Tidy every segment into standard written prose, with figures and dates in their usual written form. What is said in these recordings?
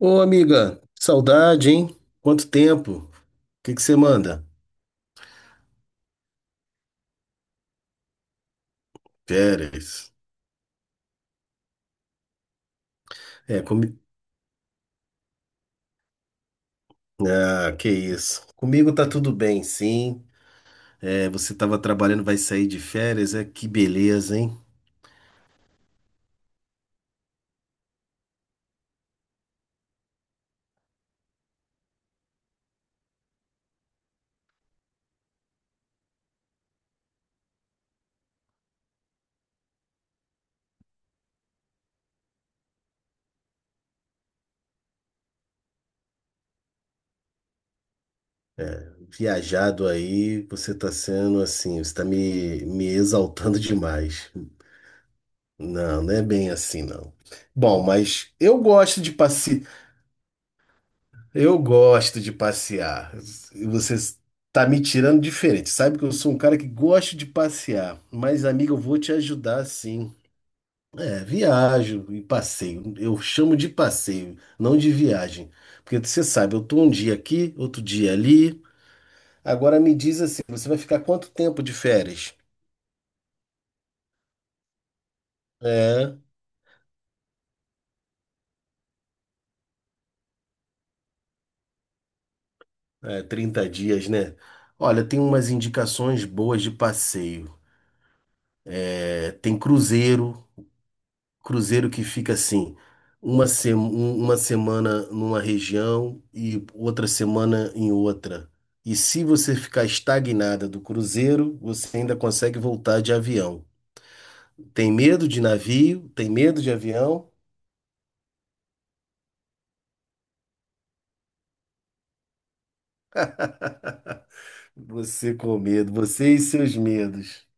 Ô, amiga, saudade, hein? Quanto tempo? O que que você manda? Férias. É, Ah, que isso. Comigo tá tudo bem, sim. É, você tava trabalhando, vai sair de férias, é? Que beleza, hein? Viajado aí, você tá sendo assim, você tá me exaltando demais. Não, não é bem assim, não. Bom, mas eu gosto de passear. Eu gosto de passear. E você está me tirando diferente. Sabe que eu sou um cara que gosto de passear. Mas, amigo, eu vou te ajudar sim. É, viajo e passeio. Eu chamo de passeio, não de viagem. Porque você sabe, eu tô um dia aqui, outro dia ali. Agora me diz assim, você vai ficar quanto tempo de férias? É, é, 30 dias, né? Olha, tem umas indicações boas de passeio. É, tem cruzeiro. Cruzeiro que fica assim, uma, se- um- uma semana numa região e outra semana em outra. E se você ficar estagnada do cruzeiro, você ainda consegue voltar de avião. Tem medo de navio? Tem medo de avião? Você com medo, você e seus medos.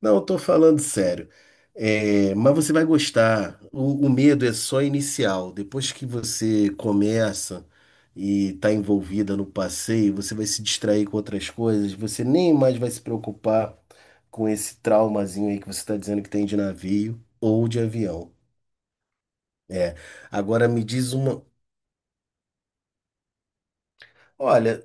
Não, eu tô falando sério. É, mas você vai gostar. O medo é só inicial. Depois que você começa e está envolvida no passeio, você vai se distrair com outras coisas. Você nem mais vai se preocupar com esse traumazinho aí que você está dizendo que tem de navio ou de avião. É. Agora me diz uma. Olha,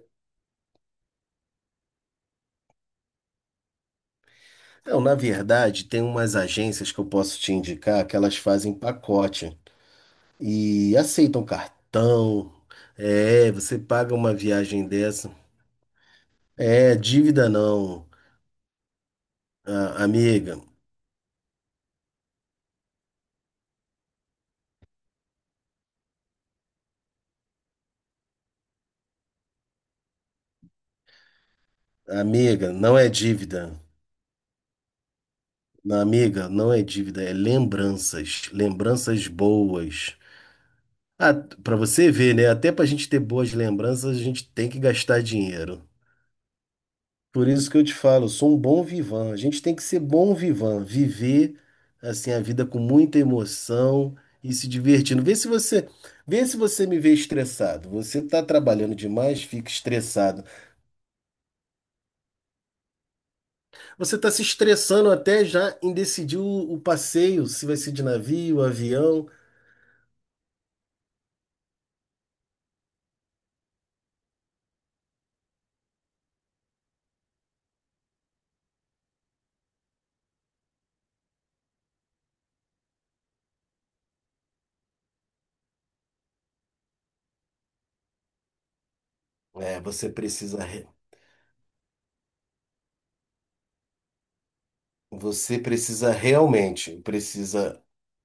não, na verdade, tem umas agências que eu posso te indicar que elas fazem pacote. E aceitam cartão. É, você paga uma viagem dessa. É, dívida não. Ah, amiga, não é dívida. Não, amiga, não é dívida, é lembranças. Lembranças boas. Ah, para você ver, né? Até pra gente ter boas lembranças, a gente tem que gastar dinheiro. Por isso que eu te falo, eu sou um bom vivan. A gente tem que ser bom vivan, viver assim a vida com muita emoção e se divertindo. Vê se você me vê estressado. Você está trabalhando demais, fica estressado. Você está se estressando até já em decidir o passeio, se vai ser de navio, avião. É, você precisa realmente,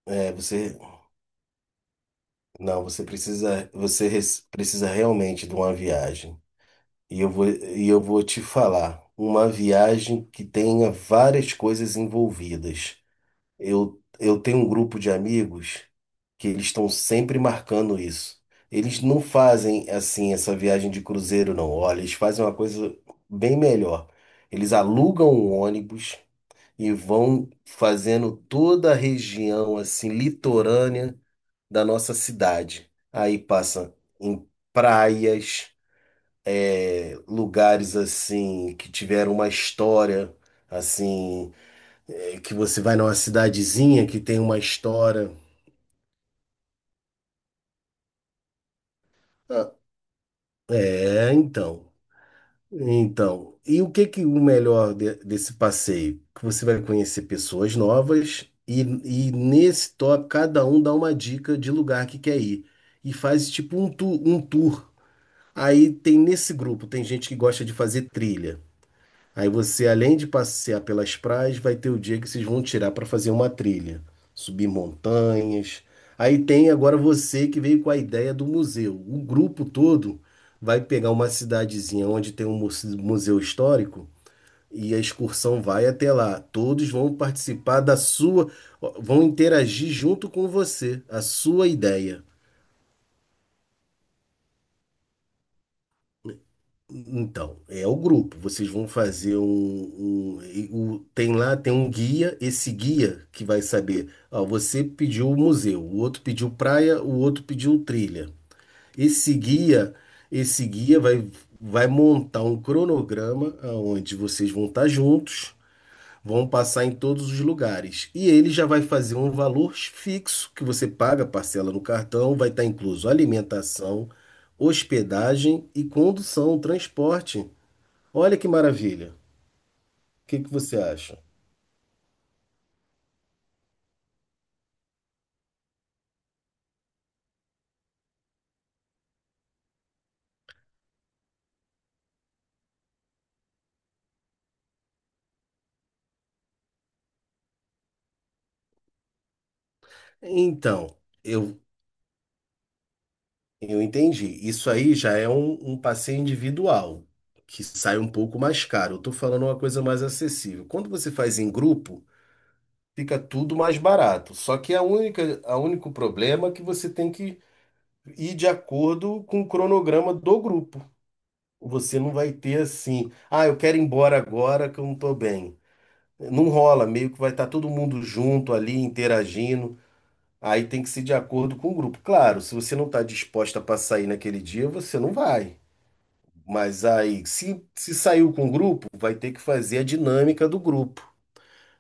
é, você, não, você precisa, você res- precisa realmente de uma viagem. E eu vou te falar, uma viagem que tenha várias coisas envolvidas. Eu tenho um grupo de amigos que eles estão sempre marcando isso. Eles não fazem assim essa viagem de cruzeiro, não. Olha, eles fazem uma coisa bem melhor. Eles alugam um ônibus e vão fazendo toda a região assim litorânea da nossa cidade. Aí passa em praias lugares assim que tiveram uma história assim é, que você vai numa cidadezinha que tem uma história. Ah, é então e o que que o melhor desse passeio que você vai conhecer pessoas novas e nesse top cada um dá uma dica de lugar que quer ir e faz tipo um tour. Aí tem nesse grupo tem gente que gosta de fazer trilha. Aí você, além de passear pelas praias, vai ter o dia que vocês vão tirar para fazer uma trilha, subir montanhas. Aí tem agora você que veio com a ideia do museu. O grupo todo vai pegar uma cidadezinha onde tem um museu histórico e a excursão vai até lá. Todos vão participar da sua, vão interagir junto com você, a sua ideia. Então, é o grupo. Vocês vão fazer tem lá, tem um guia, esse guia que vai saber, ó, você pediu o museu, o outro pediu praia, o outro pediu trilha. Esse guia, esse guia vai, montar um cronograma onde vocês vão estar juntos, vão passar em todos os lugares. E ele já vai fazer um valor fixo que você paga, parcela no cartão, vai estar incluso alimentação, hospedagem e condução, transporte. Olha que maravilha. O que que você acha? Então, eu, eu entendi. Isso aí já é um passeio individual, que sai um pouco mais caro. Eu tô falando uma coisa mais acessível. Quando você faz em grupo, fica tudo mais barato. Só que a único problema é que você tem que ir de acordo com o cronograma do grupo. Você não vai ter assim, ah, eu quero ir embora agora que eu não tô bem. Não rola, meio que vai estar todo mundo junto ali, interagindo. Aí tem que ser de acordo com o grupo. Claro, se você não está disposta para sair naquele dia, você não vai. Mas aí, se saiu com o grupo, vai ter que fazer a dinâmica do grupo.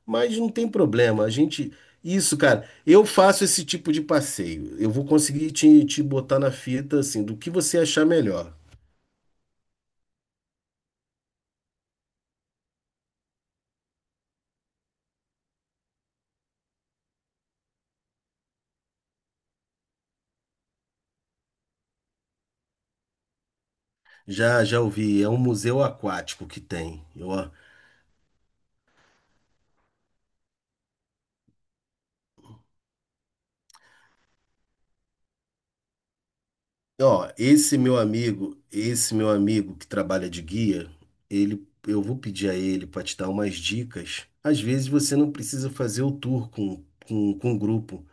Mas não tem problema, a gente. Isso, cara, eu faço esse tipo de passeio. Eu vou conseguir te botar na fita, assim, do que você achar melhor. Já, já ouvi, é um museu aquático que tem. Eu, ó, esse meu amigo que trabalha de guia, ele, eu vou pedir a ele para te dar umas dicas. Às vezes você não precisa fazer o tour com o grupo.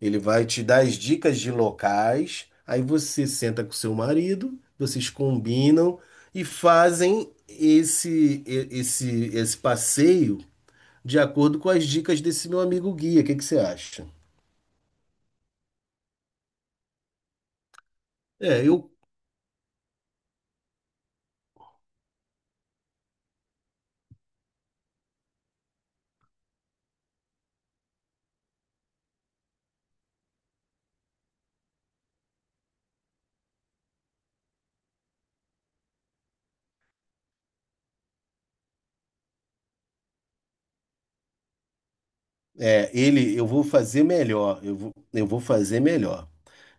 Ele vai te dar as dicas de locais, aí você senta com seu marido, vocês combinam e fazem esse e- esse esse passeio de acordo com as dicas desse meu amigo guia. O que que você acha? É, eu É, ele, eu vou fazer melhor, eu vou fazer melhor.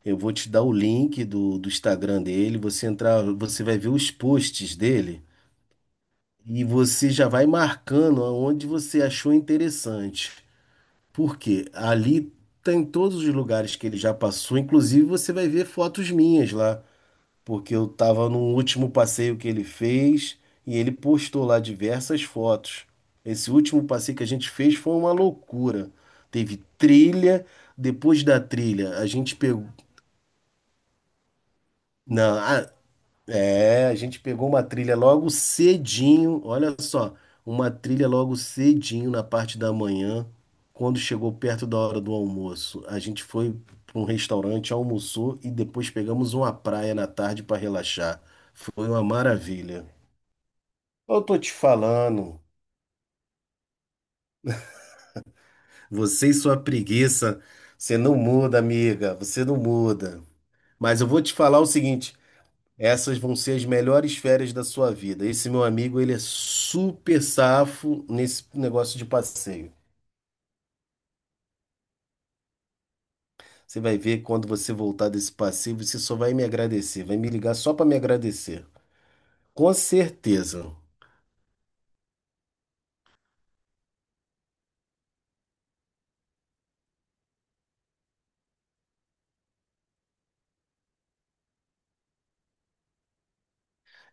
Eu vou te dar o link do Instagram dele, você entrar, você vai ver os posts dele e você já vai marcando aonde você achou interessante. Porque ali tem todos os lugares que ele já passou, inclusive você vai ver fotos minhas lá porque eu estava no último passeio que ele fez e ele postou lá diversas fotos. Esse último passeio que a gente fez foi uma loucura. Teve trilha, depois da trilha, a gente pegou. Não, é, a gente pegou uma trilha logo cedinho, olha só, uma trilha logo cedinho na parte da manhã, quando chegou perto da hora do almoço. A gente foi para um restaurante, almoçou e depois pegamos uma praia na tarde para relaxar. Foi uma maravilha. Eu tô te falando, você e sua preguiça, você não muda, amiga, você não muda. Mas eu vou te falar o seguinte, essas vão ser as melhores férias da sua vida. Esse meu amigo, ele é super safo nesse negócio de passeio. Você vai ver quando você voltar desse passeio, você só vai me agradecer, vai me ligar só para me agradecer. Com certeza.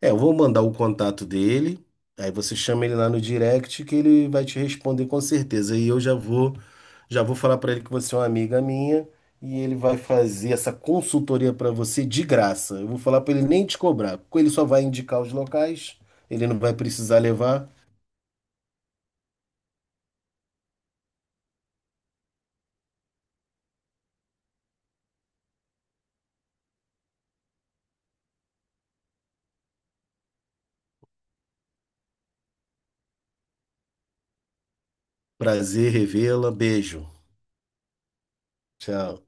É, eu vou mandar o contato dele, aí você chama ele lá no direct que ele vai te responder com certeza. Já vou falar para ele que você é uma amiga minha e ele vai fazer essa consultoria para você de graça. Eu vou falar para ele nem te cobrar, porque ele só vai indicar os locais, ele não vai precisar levar. Prazer revê-la, beijo. Tchau.